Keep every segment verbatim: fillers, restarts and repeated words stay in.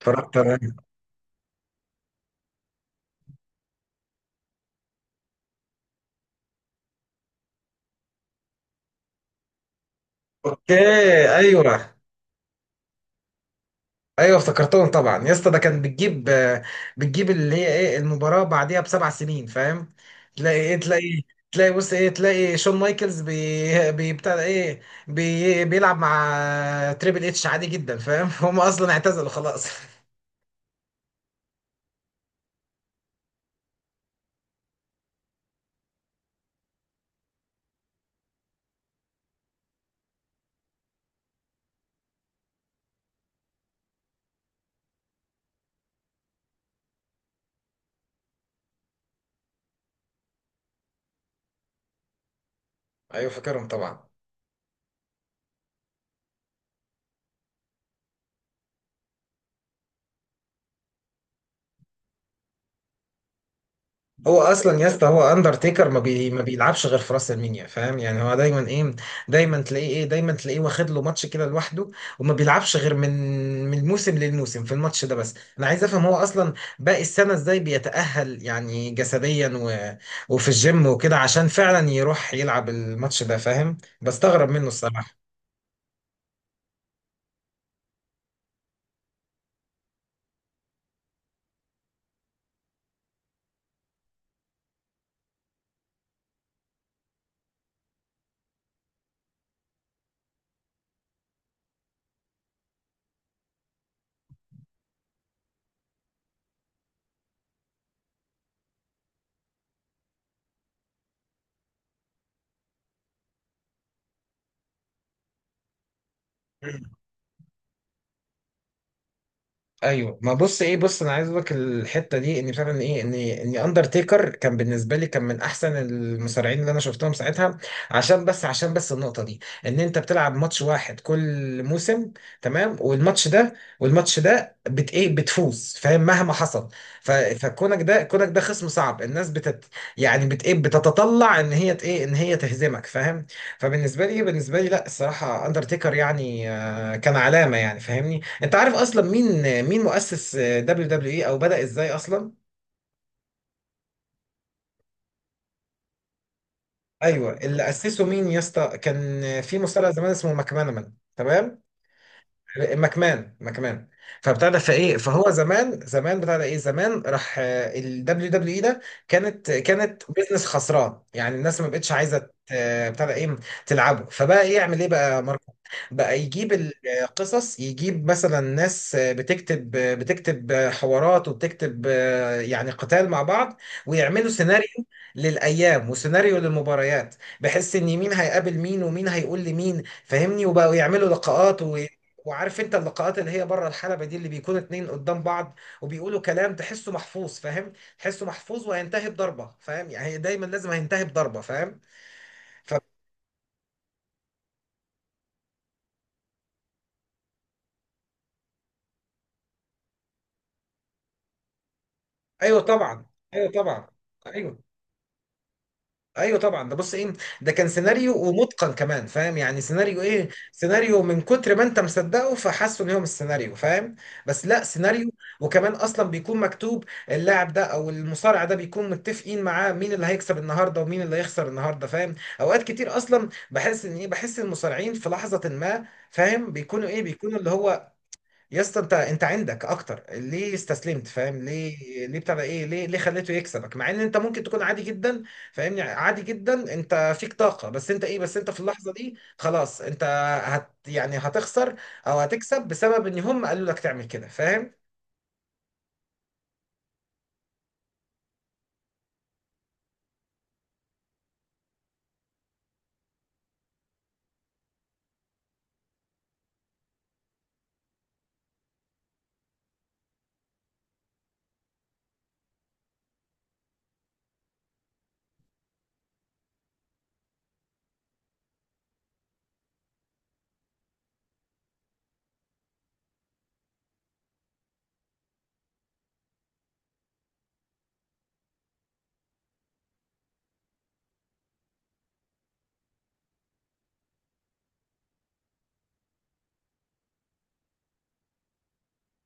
اتفرجت عليه. اوكي. ايوه، ايوه، افتكرتهم طبعا يا اسطى، ده كان بتجيب آه، بتجيب اللي هي ايه المباراه بعديها بسبع سنين، فاهم؟ تلاقي ايه تلاقي، تلاقي بص ايه، تلاقي شون مايكلز بي بي- بتاع ده ايه، بي بيلعب مع تريبل اتش عادي جدا، فاهم؟ هم اصلا اعتزلوا خلاص. ايوه فاكرهم طبعا. هو اصلا يا اسطى، هو اندرتيكر ما بي ما بيلعبش غير في راس المنيا، فاهم؟ يعني هو دايما ايه، دايما تلاقيه ايه، دايما تلاقيه واخد له ماتش كده لوحده، وما بيلعبش غير من من موسم للموسم في الماتش ده بس. انا عايز افهم هو اصلا باقي السنه ازاي بيتاهل يعني جسديا، و... وفي الجيم وكده، عشان فعلا يروح يلعب الماتش ده، فاهم؟ بستغرب منه الصراحه. ايوه ما بص ايه، بص انا عايز اقول لك الحته دي ان فعلا ايه، ان ان اندرتيكر كان بالنسبه لي، كان من احسن المصارعين اللي انا شفتهم ساعتها، عشان بس، عشان بس النقطه دي، ان انت بتلعب ماتش واحد كل موسم، تمام، والماتش ده، والماتش ده بت ايه، بتفوز فاهم مهما حصل. ف فكونك ده كونك ده خصم صعب، الناس بتت، يعني بت ايه، بتتطلع ان هي ت- ايه ان هي تهزمك فاهم. فبالنسبه لي، بالنسبه لي لا الصراحه، اندرتيكر يعني آه، كان علامه يعني، فاهمني؟ انت عارف اصلا مين، مين مؤسس دبليو دبليو اي، او بدأ ازاي اصلا؟ ايوه اللي اسسه مين يا اسطى، كان في مصارع زمان اسمه ماكمان، تمام، مكمان، مكمان. فبتاع ده فايه، فهو زمان، زمان بتاع ده ايه، زمان راح آه، ال دبليو دبليو اي ده، كانت، كانت بيزنس خسران، يعني الناس ما بقتش عايزه ت- بتاع ده ايه، تلعبه. فبقى ايه، يعمل ايه بقى ماركو، بقى يجيب القصص، يجيب مثلا ناس بتكتب، بتكتب حوارات وبتكتب يعني قتال مع بعض، ويعملوا سيناريو للايام وسيناريو للمباريات، بحيث ان مين هيقابل مين، ومين هيقول لمين، فاهمني؟ وبقوا يعملوا لقاءات، وعارف انت اللقاءات اللي هي بره الحلبة دي، اللي بيكون اتنين قدام بعض وبيقولوا كلام تحسه محفوظ، فاهم؟ تحسه محفوظ وهينتهي بضربة، فاهم؟ يعني دايما لازم هينتهي بضربة، فاهم؟ ف... ايوه طبعا، ايوه طبعا، ايوه ايوه طبعا، ده بص ايه، ده كان سيناريو ومتقن كمان، فاهم؟ يعني سيناريو ايه، سيناريو من كتر ما انت مصدقه فحاسه ان هو مش سيناريو، فاهم؟ بس لا سيناريو، وكمان اصلا بيكون مكتوب. اللاعب ده او المصارع ده بيكون متفقين معاه مين اللي هيكسب النهارده ومين اللي هيخسر النهارده، فاهم؟ اوقات كتير اصلا بحس ان ايه، بحس المصارعين في لحظة ما، فاهم؟ بيكونوا ايه، بيكونوا اللي هو، يا اسطى انت، انت عندك اكتر، ليه استسلمت فاهم؟ ليه، ليه بتاع ده ايه، ليه، ليه خليته يكسبك مع ان انت ممكن تكون عادي جدا، فاهمني؟ عادي جدا انت، فيك طاقه، بس انت ايه، بس انت في اللحظه دي خلاص، انت هت، يعني هتخسر او هتكسب بسبب ان هم قالوا لك تعمل كده، فاهم؟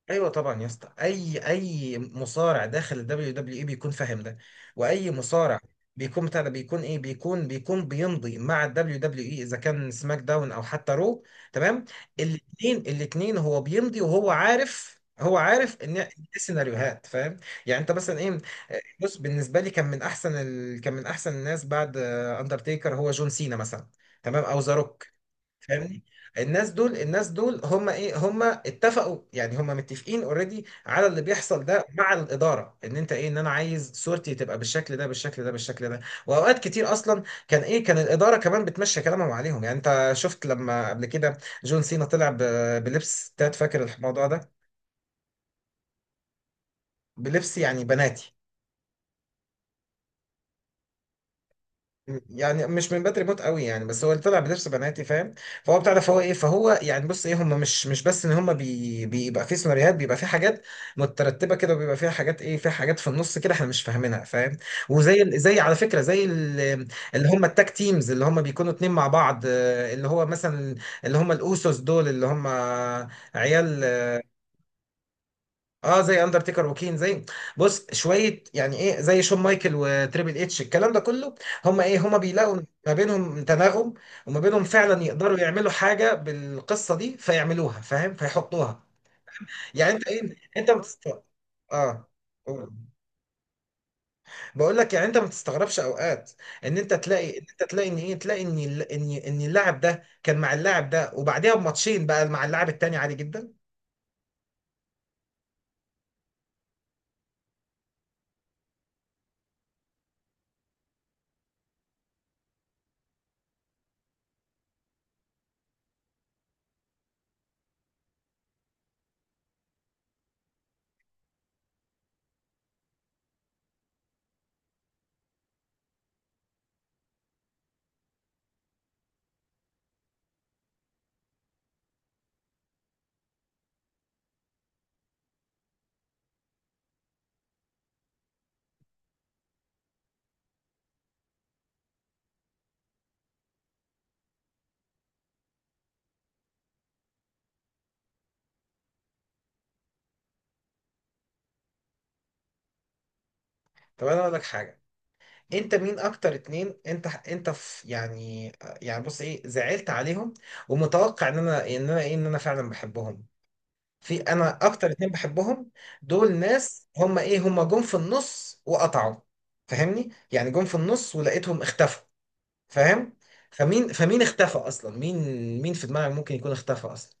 ايوه طبعا يا اسطى، اي اي مصارع داخل الدبليو دبليو اي بيكون فاهم ده، واي مصارع بيكون بتاع ده، بيكون ايه، بيكون، بيكون بيمضي مع الدبليو دبليو اي، اذا كان سماك داون او حتى رو، تمام، الاثنين، الاثنين هو بيمضي وهو عارف، هو عارف ان إيه السيناريوهات، فاهم؟ يعني انت مثلا ايه، بص بالنسبه لي كان من احسن ال، كان من احسن الناس بعد اندرتيكر هو جون سينا مثلا، تمام، او ذا روك. فاهمني؟ الناس دول، الناس دول هم ايه، هم اتفقوا يعني، هم متفقين اوريدي على اللي بيحصل ده مع الاداره، ان انت ايه، ان انا عايز صورتي تبقى بالشكل ده، بالشكل ده، بالشكل ده. واوقات كتير اصلا كان ايه، كان الاداره كمان بتمشي كلامهم عليهم، يعني انت شفت لما قبل كده جون سينا طلع ب- بلبس تات، فاكر الموضوع ده؟ بلبس يعني بناتي، يعني مش من بدري موت قوي يعني، بس هو اللي طلع بنفس بناتي، فاهم؟ فهو بتاع ده، فهو ايه، فهو يعني بص ايه، هم مش، مش بس ان هم بي، بيبقى في سيناريوهات، بيبقى في حاجات مترتبه كده، وبيبقى فيها حاجات ايه، في حاجات في النص كده احنا مش فاهمينها، فاهم؟ وزي ال، زي على فكره زي ال، اللي هم التاك تيمز اللي هم بيكونوا اتنين مع بعض آه، اللي هو مثلا، اللي هم الاوسوس دول اللي هم عيال، اه زي اندرتيكر وكين، زي، بص شويه يعني ايه، زي شون مايكل وتريبل اتش الكلام ده كله، هم ايه، هم بيلاقوا ما بينهم تناغم، وما بينهم فعلا يقدروا يعملوا حاجه بالقصه دي، فيعملوها فاهم، فيحطوها. يعني انت ايه، انت ما بتست، اه، قول. بقول لك يعني انت ما تستغربش اوقات ان انت تلاقي، ان انت تلاقي ان ايه، تلاقي ان ال، ان ان اللاعب ده كان مع اللاعب ده وبعديها بماتشين بقى مع اللاعب التاني عادي جدا. طب انا اقول لك حاجه، انت مين اكتر اتنين؟ انت، انت في يعني، يعني بص ايه، زعلت عليهم ومتوقع ان انا، ان انا ايه، ان انا فعلا بحبهم. في انا اكتر اتنين بحبهم، دول ناس هم ايه، هم جم في النص وقطعوا، فاهمني؟ يعني جم في النص ولقيتهم اختفوا، فاهم؟ فمين فمين اختفى اصلا، مين، مين في دماغك ممكن يكون اختفى اصلا؟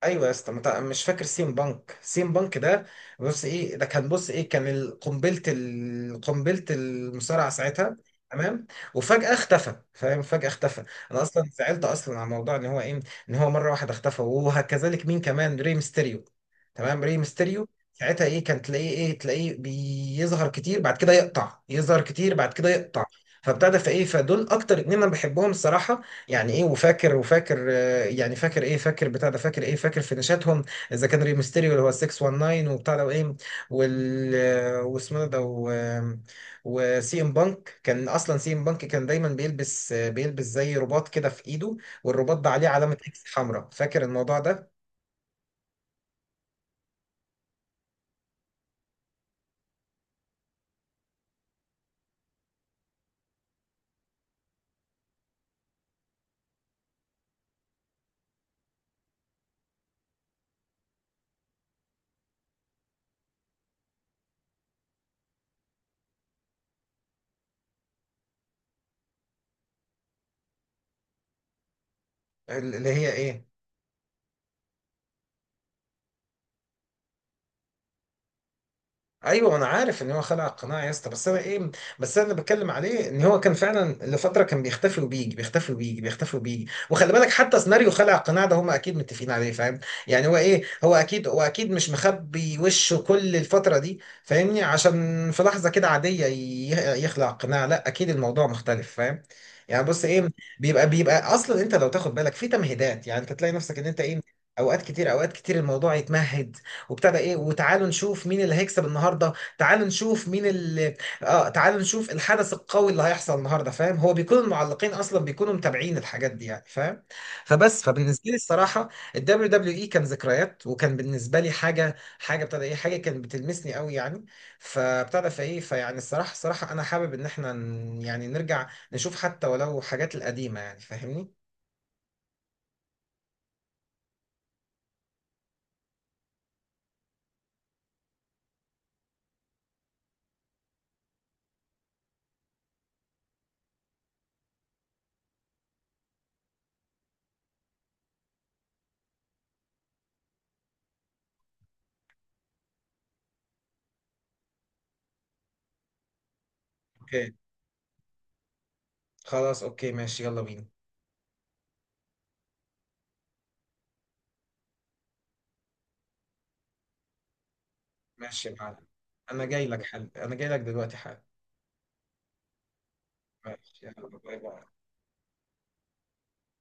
ايوه يا اسطى مت، مش فاكر سيم بانك؟ سيم بانك ده بص ايه، ده كان بص ايه، كان ال، قنبله ال، قنبله المصارعه ساعتها تمام، وفجاه اختفى، فاهم؟ فجاه اختفى. انا اصلا زعلت اصلا على موضوع ان هو ايه، ان هو مره واحده اختفى. وهكذلك مين كمان؟ ري ميستيريو، تمام، ري ميستيريو ساعتها ايه، كان تلاقيه ايه، تلاقيه بيظهر كتير بعد كده يقطع، يظهر كتير بعد كده يقطع. فابتدى فايه، فدول اكتر اتنين انا بحبهم الصراحه، يعني ايه، وفاكر، وفاكر يعني، فاكر ايه، فاكر بتاع ده، فاكر ايه، فاكر فينيشاتهم، اذا كان ريمستيريو اللي هو ستة تسعة عشر وبتاع ده وايه وال، واسمه ده و، وسي ام بانك كان اصلا، سي ام بانك كان دايما بيلبس، بيلبس زي رباط كده في ايده، والرباط ده عليه علامة اكس حمراء، فاكر الموضوع ده؟ اللي هي ايه؟ ايوه انا عارف ان هو خلع القناع يا اسطى، بس انا ايه، بس انا اللي بتكلم عليه ان هو كان فعلا لفتره كان بيختفي وبيجي، بيختفي وبيجي، بيختفي وبيجي، وخلي بالك حتى سيناريو خلع القناع ده هم اكيد متفقين عليه، فاهم؟ يعني هو ايه، هو اكيد، هو اكيد مش مخبي وشه كل الفتره دي، فاهمني؟ عشان في لحظه كده عاديه ي- يخلع القناع؟ لا اكيد الموضوع مختلف، فاهم؟ يعني بص ايه، بيبقى، بيبقى اصلا انت لو تاخد بالك في تمهيدات، يعني انت تلاقي نفسك ان انت ايه، اوقات كتير، اوقات كتير الموضوع يتمهد، وبتاع ده ايه، وتعالوا نشوف مين اللي هيكسب النهارده، تعالوا نشوف مين اللي، اه تعالوا نشوف الحدث القوي اللي هيحصل النهارده، فاهم؟ هو بيكون المعلقين اصلا بيكونوا متابعين الحاجات دي يعني، فاهم؟ فبس، فبالنسبه لي الصراحه الدبليو دبليو اي كان ذكريات، وكان بالنسبه لي حاجه، حاجه ابتدى ايه، حاجه كانت بتلمسني قوي يعني، فابتدى فايه فيعني الصراحه، الصراحه انا حابب ان احنا ن، يعني نرجع نشوف حتى ولو حاجات القديمه يعني، فاهمني؟ اوكي، خلاص اوكي ماشي، يلا بينا. ماشي يا معلم، انا جاي لك حل، انا جاي لك دلوقتي حل. ماشي يلا، باي باي.